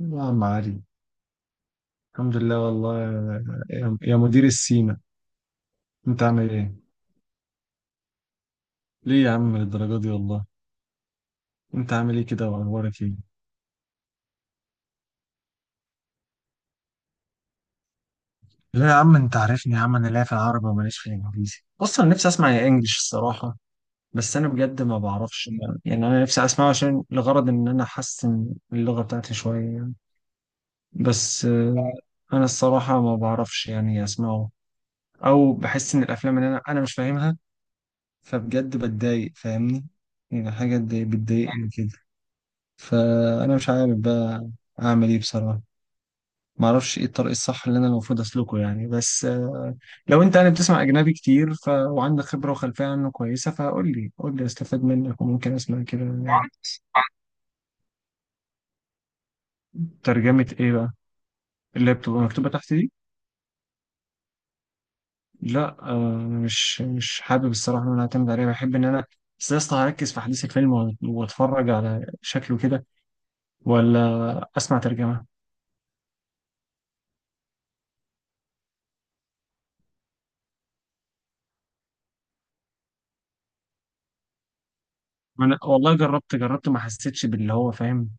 يا عم علي، الحمد لله والله. يا مدير السيما، انت عامل ايه؟ ليه يا عم للدرجة دي والله؟ انت عامل ايه كده، واخبارك ايه؟ لا يا عم، انت عارفني يا عم. انا لا في العربي وماليش في الانجليزي، اصلا نفسي اسمع يا انجلش الصراحة. بس انا بجد ما بعرفش. يعني انا نفسي اسمعه عشان لغرض ان انا احسن اللغة بتاعتي شوية يعني. بس انا الصراحة ما بعرفش يعني اسمعه، او بحس ان الافلام اللي انا مش فاهمها، فبجد بتضايق. فاهمني؟ يعني حاجة بتضايقني كده. فانا مش عارف بقى اعمل ايه بصراحه. ما اعرفش ايه الطريق الصح اللي انا المفروض اسلكه يعني، بس لو انت يعني بتسمع اجنبي كتير وعندك خبره وخلفيه عنه كويسه، فقول لي قول لي استفاد منك وممكن اسمع كده يعني. ترجمه ايه بقى؟ اللي هي بتبقى مكتوبه تحت دي. لا، مش حابب الصراحه ان انا اعتمد عليها، بحب ان انا بس يا اسطى هركز في احداث الفيلم واتفرج على شكله كده، ولا اسمع ترجمه. أنا والله جربت، ما حسيتش باللي هو فاهم،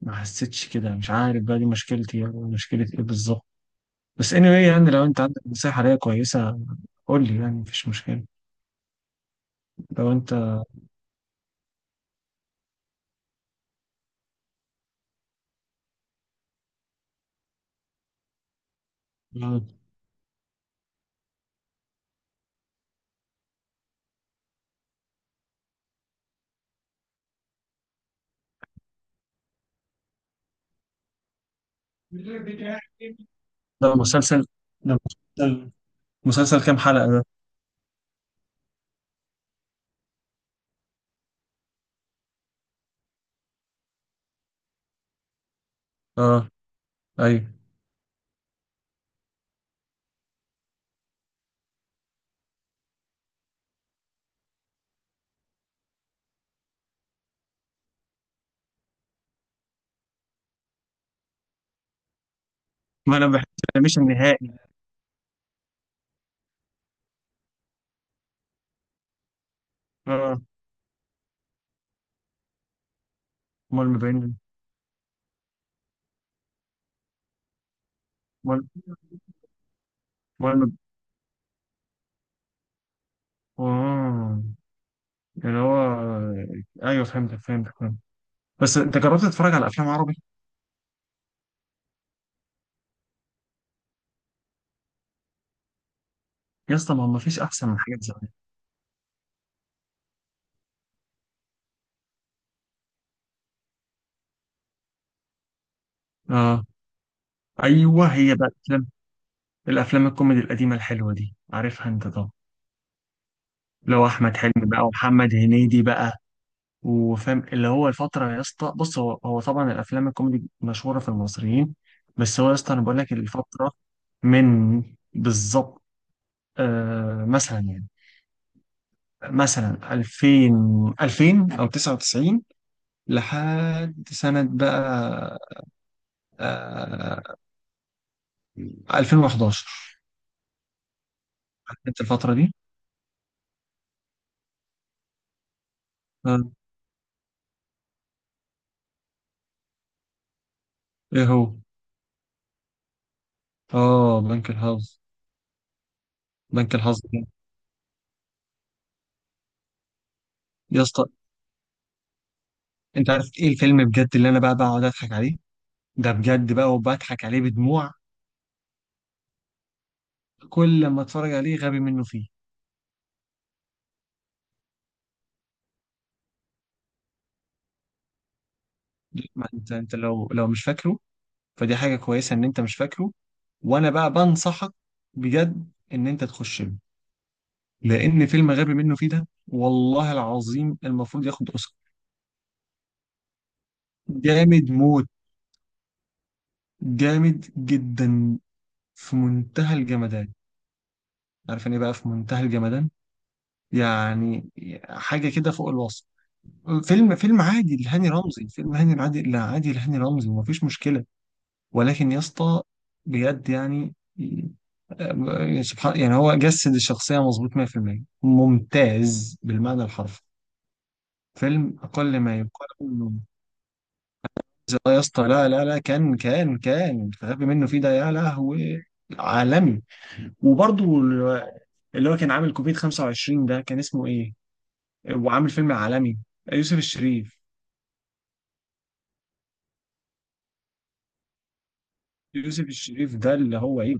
ما حسيتش كده، مش عارف بقى دي مشكلتي أو مشكلة إيه بالظبط. بس anyway، يعني لو أنت عندك نصيحة ليا كويسة قول لي، يعني مفيش مشكلة. لو أنت. ده مسلسل ده مسلسل. مسلسل كام حلقة ده؟ اه ايوه. ما انا بحس مش النهائي. اه. امال ما بين. امال امال. اه اللي هو. ايوه، فهمتك فهمت. بس انت جربت تتفرج على افلام عربي؟ يا اسطى، ما هو ما فيش احسن من حاجات زمان. اه ايوه، هي بقى الافلام، الكوميدي القديمه الحلوه دي، عارفها انت طبعا. لو احمد حلمي بقى ومحمد هنيدي بقى، وفاهم اللي هو الفتره. يا اسطى بص، هو طبعا الافلام الكوميدي مشهوره في المصريين. بس هو يا اسطى انا بقول لك الفتره من بالظبط، مثلا يعني، مثلا 2000 او 99، لحد سنه بقى آه 2011. عارف انت الفتره دي؟ آه ايه هو؟ اه، بنك الحظ. بنك الحظ. يا اسطى، انت عارف ايه الفيلم بجد اللي انا بقى بقعد اضحك عليه؟ ده بجد بقى وبضحك عليه بدموع كل ما اتفرج عليه، غبي منه فيه. ما انت لو مش فاكره، فدي حاجه كويسه ان انت مش فاكره. وانا بقى بنصحك بجد ان انت تخش له، لان فيلم غبي منه فيه ده، والله العظيم المفروض ياخد اوسكار. جامد موت، جامد جدا، في منتهى الجمدان. عارف يعني ايه بقى في منتهى الجمدان؟ يعني حاجه كده فوق الوصف. فيلم عادي لهاني رمزي، فيلم هاني العادي، لا عادي لهاني رمزي، مفيش مشكلة. ولكن يا اسطى بجد يعني، سبحان. يعني هو جسد الشخصية مظبوط 100% ممتاز بالمعنى الحرفي. فيلم أقل ما يقال إنه، يا اسطى لا لا لا، كان الغبي منه فيه ده يا لهوي، عالمي. وبرضه اللي هو كان عامل كوفيد 25. ده كان اسمه إيه؟ وعامل فيلم عالمي. يوسف الشريف. يوسف الشريف ده اللي هو ايه؟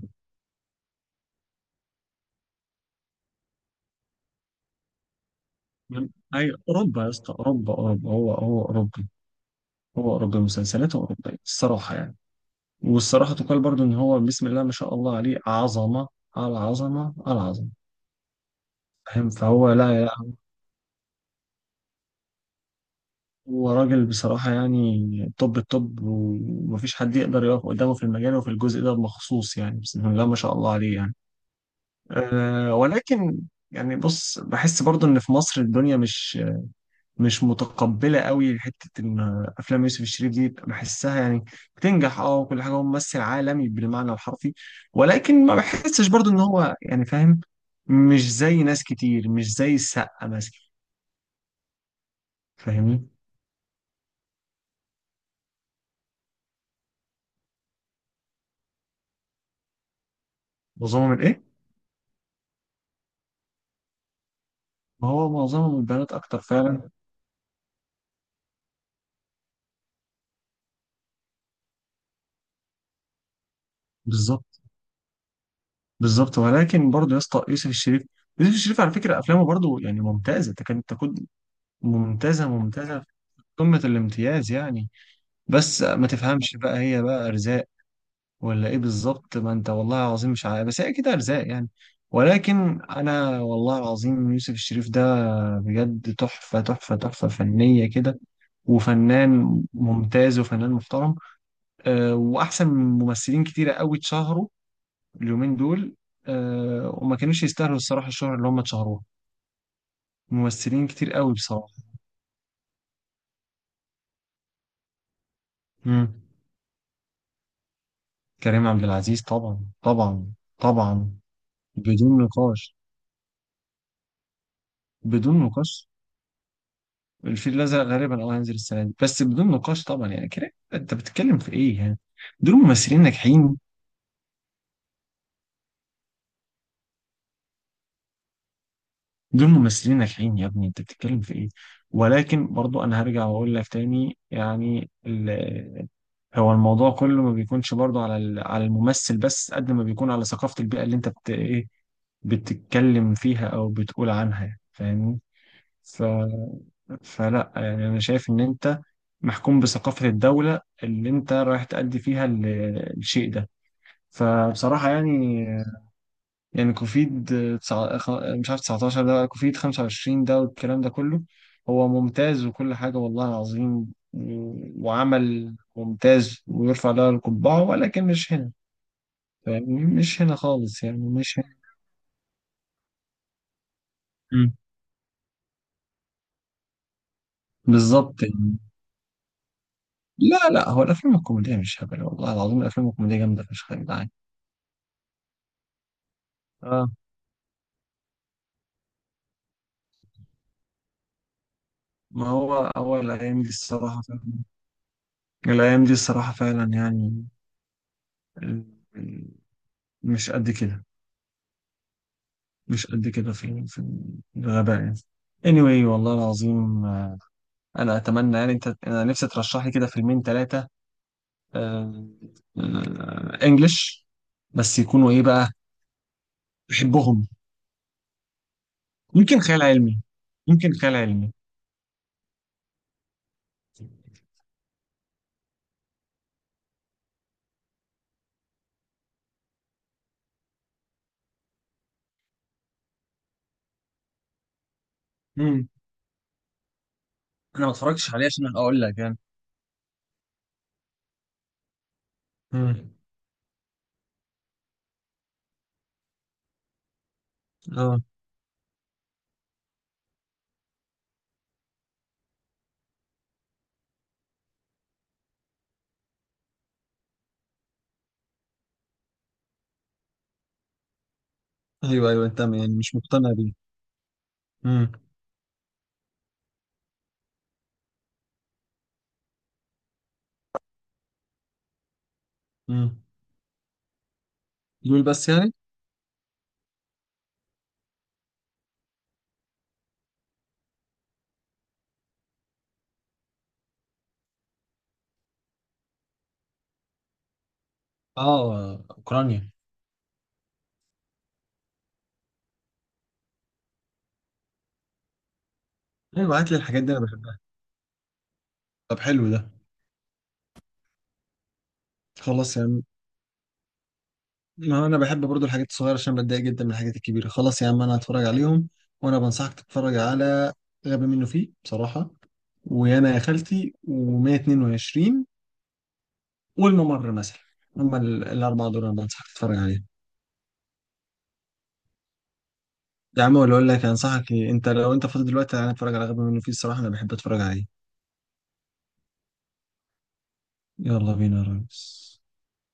من- أي أوروبا يا اسطى، أوروبا، أوروبا، هو أوروبي، هو أوروبي، مسلسلاته أوروبية الصراحة يعني. والصراحة تقال برضو إن هو بسم الله ما شاء الله عليه، عظمة على عظمة على عظمة. فاهم؟ فهو لا لا، هو راجل بصراحة يعني توب التوب، ومفيش حد يقدر يقف قدامه في المجال وفي الجزء ده بمخصوص يعني، بسم الله ما شاء الله عليه يعني. أه ولكن، يعني بص بحس برضو إن في مصر الدنيا مش متقبله قوي، حته ان افلام يوسف الشريف دي بحسها يعني بتنجح، اه وكل حاجه، هو ممثل عالمي بالمعنى الحرفي. ولكن ما بحسش برضو ان هو يعني، فاهم؟ مش زي ناس كتير، مش زي السقا مثلا، فاهمني؟ معظمهم الايه؟ ما هو معظمهم البنات اكتر فعلا. بالظبط، بالظبط، ولكن برضو يا اسطى يوسف الشريف، على فكره افلامه برضو يعني ممتازه، تكاد تكون ممتازه، ممتازه في قمه الامتياز يعني. بس ما تفهمش بقى، هي بقى ارزاق ولا ايه بالظبط، ما انت والله العظيم مش عارف، بس هي كده ارزاق يعني. ولكن انا والله العظيم، يوسف الشريف ده بجد تحفه، تحفه، تحفه فنيه كده، وفنان ممتاز وفنان محترم. أه، واحسن من ممثلين كتيره قوي اتشهروا اليومين دول، أه وما كانوش يستاهلوا الصراحه الشهره اللي هم اتشهروها، ممثلين كتير قوي بصراحه. مم. كريم عبد العزيز طبعا، طبعا، طبعا، بدون نقاش، بدون نقاش. الفيل الأزرق غالبا اه هينزل السنة دي، بس بدون نقاش طبعا. يعني كده انت بتتكلم في ايه يعني؟ دول ممثلين ناجحين، دول ممثلين ناجحين يا ابني، انت بتتكلم في ايه؟ ولكن برضو انا هرجع واقول لك تاني يعني، هو الموضوع كله ما بيكونش برضو على على الممثل، بس قد ما بيكون على ثقافة البيئة اللي انت بت ايه بتتكلم فيها او بتقول عنها يعني، فاهمني؟ ف... فلا يعني، انا شايف ان انت محكوم بثقافة الدولة اللي انت رايح تأدي فيها الشيء ده، فبصراحة يعني. يعني كوفيد مش عارف، 19 ده، كوفيد 25 ده والكلام ده كله، هو ممتاز وكل حاجة والله العظيم، وعمل ممتاز ويرفع له القبعة، ولكن مش هنا. فاهمني؟ مش هنا خالص يعني، مش هنا. مم. بالظبط يعني. لا لا، هو الأفلام الكوميدية مش هبل والله العظيم، الأفلام الكوميدية جامدة فشخ يا جدعان. اه، ما هو الأيام دي الصراحة فعلا، الأيام دي الصراحة فعلا يعني، ال- ال- مش قد كده، مش قد كده في الغباء يعني. anyway والله العظيم، انا اتمنى يعني انت، انا نفسي ترشح لي كده فيلمين ثلاثه انجلش، بس يكونوا ايه بقى بحبهم، يمكن خيال علمي، يمكن خيال علمي. امم انا ما اتفرجتش عليه عشان اقول لك يعني. امم اه ايوه ايوه، انت يعني مش مقتنع بيه. امم امم دول بس يعني. اه اوكرانيا. ايوه هات لي الحاجات دي، انا بحبها. طب حلو ده. خلاص يا عم، ما انا بحب برضو الحاجات الصغيره عشان بتضايق جدا من الحاجات الكبيره، خلاص يا عم انا هتفرج عليهم. وانا بنصحك تتفرج على غبي منه فيه بصراحه، ويانا يا خالتي و122 والممر مثلا، هم الاربعه دول انا بنصحك تتفرج عليهم. يا عم، ولا اقول لك انصحك إيه؟ انت لو انت فاضي دلوقتي، انا اتفرج على غبي منه فيه الصراحه، انا بحب اتفرج عليه. يلا بينا يا ريس.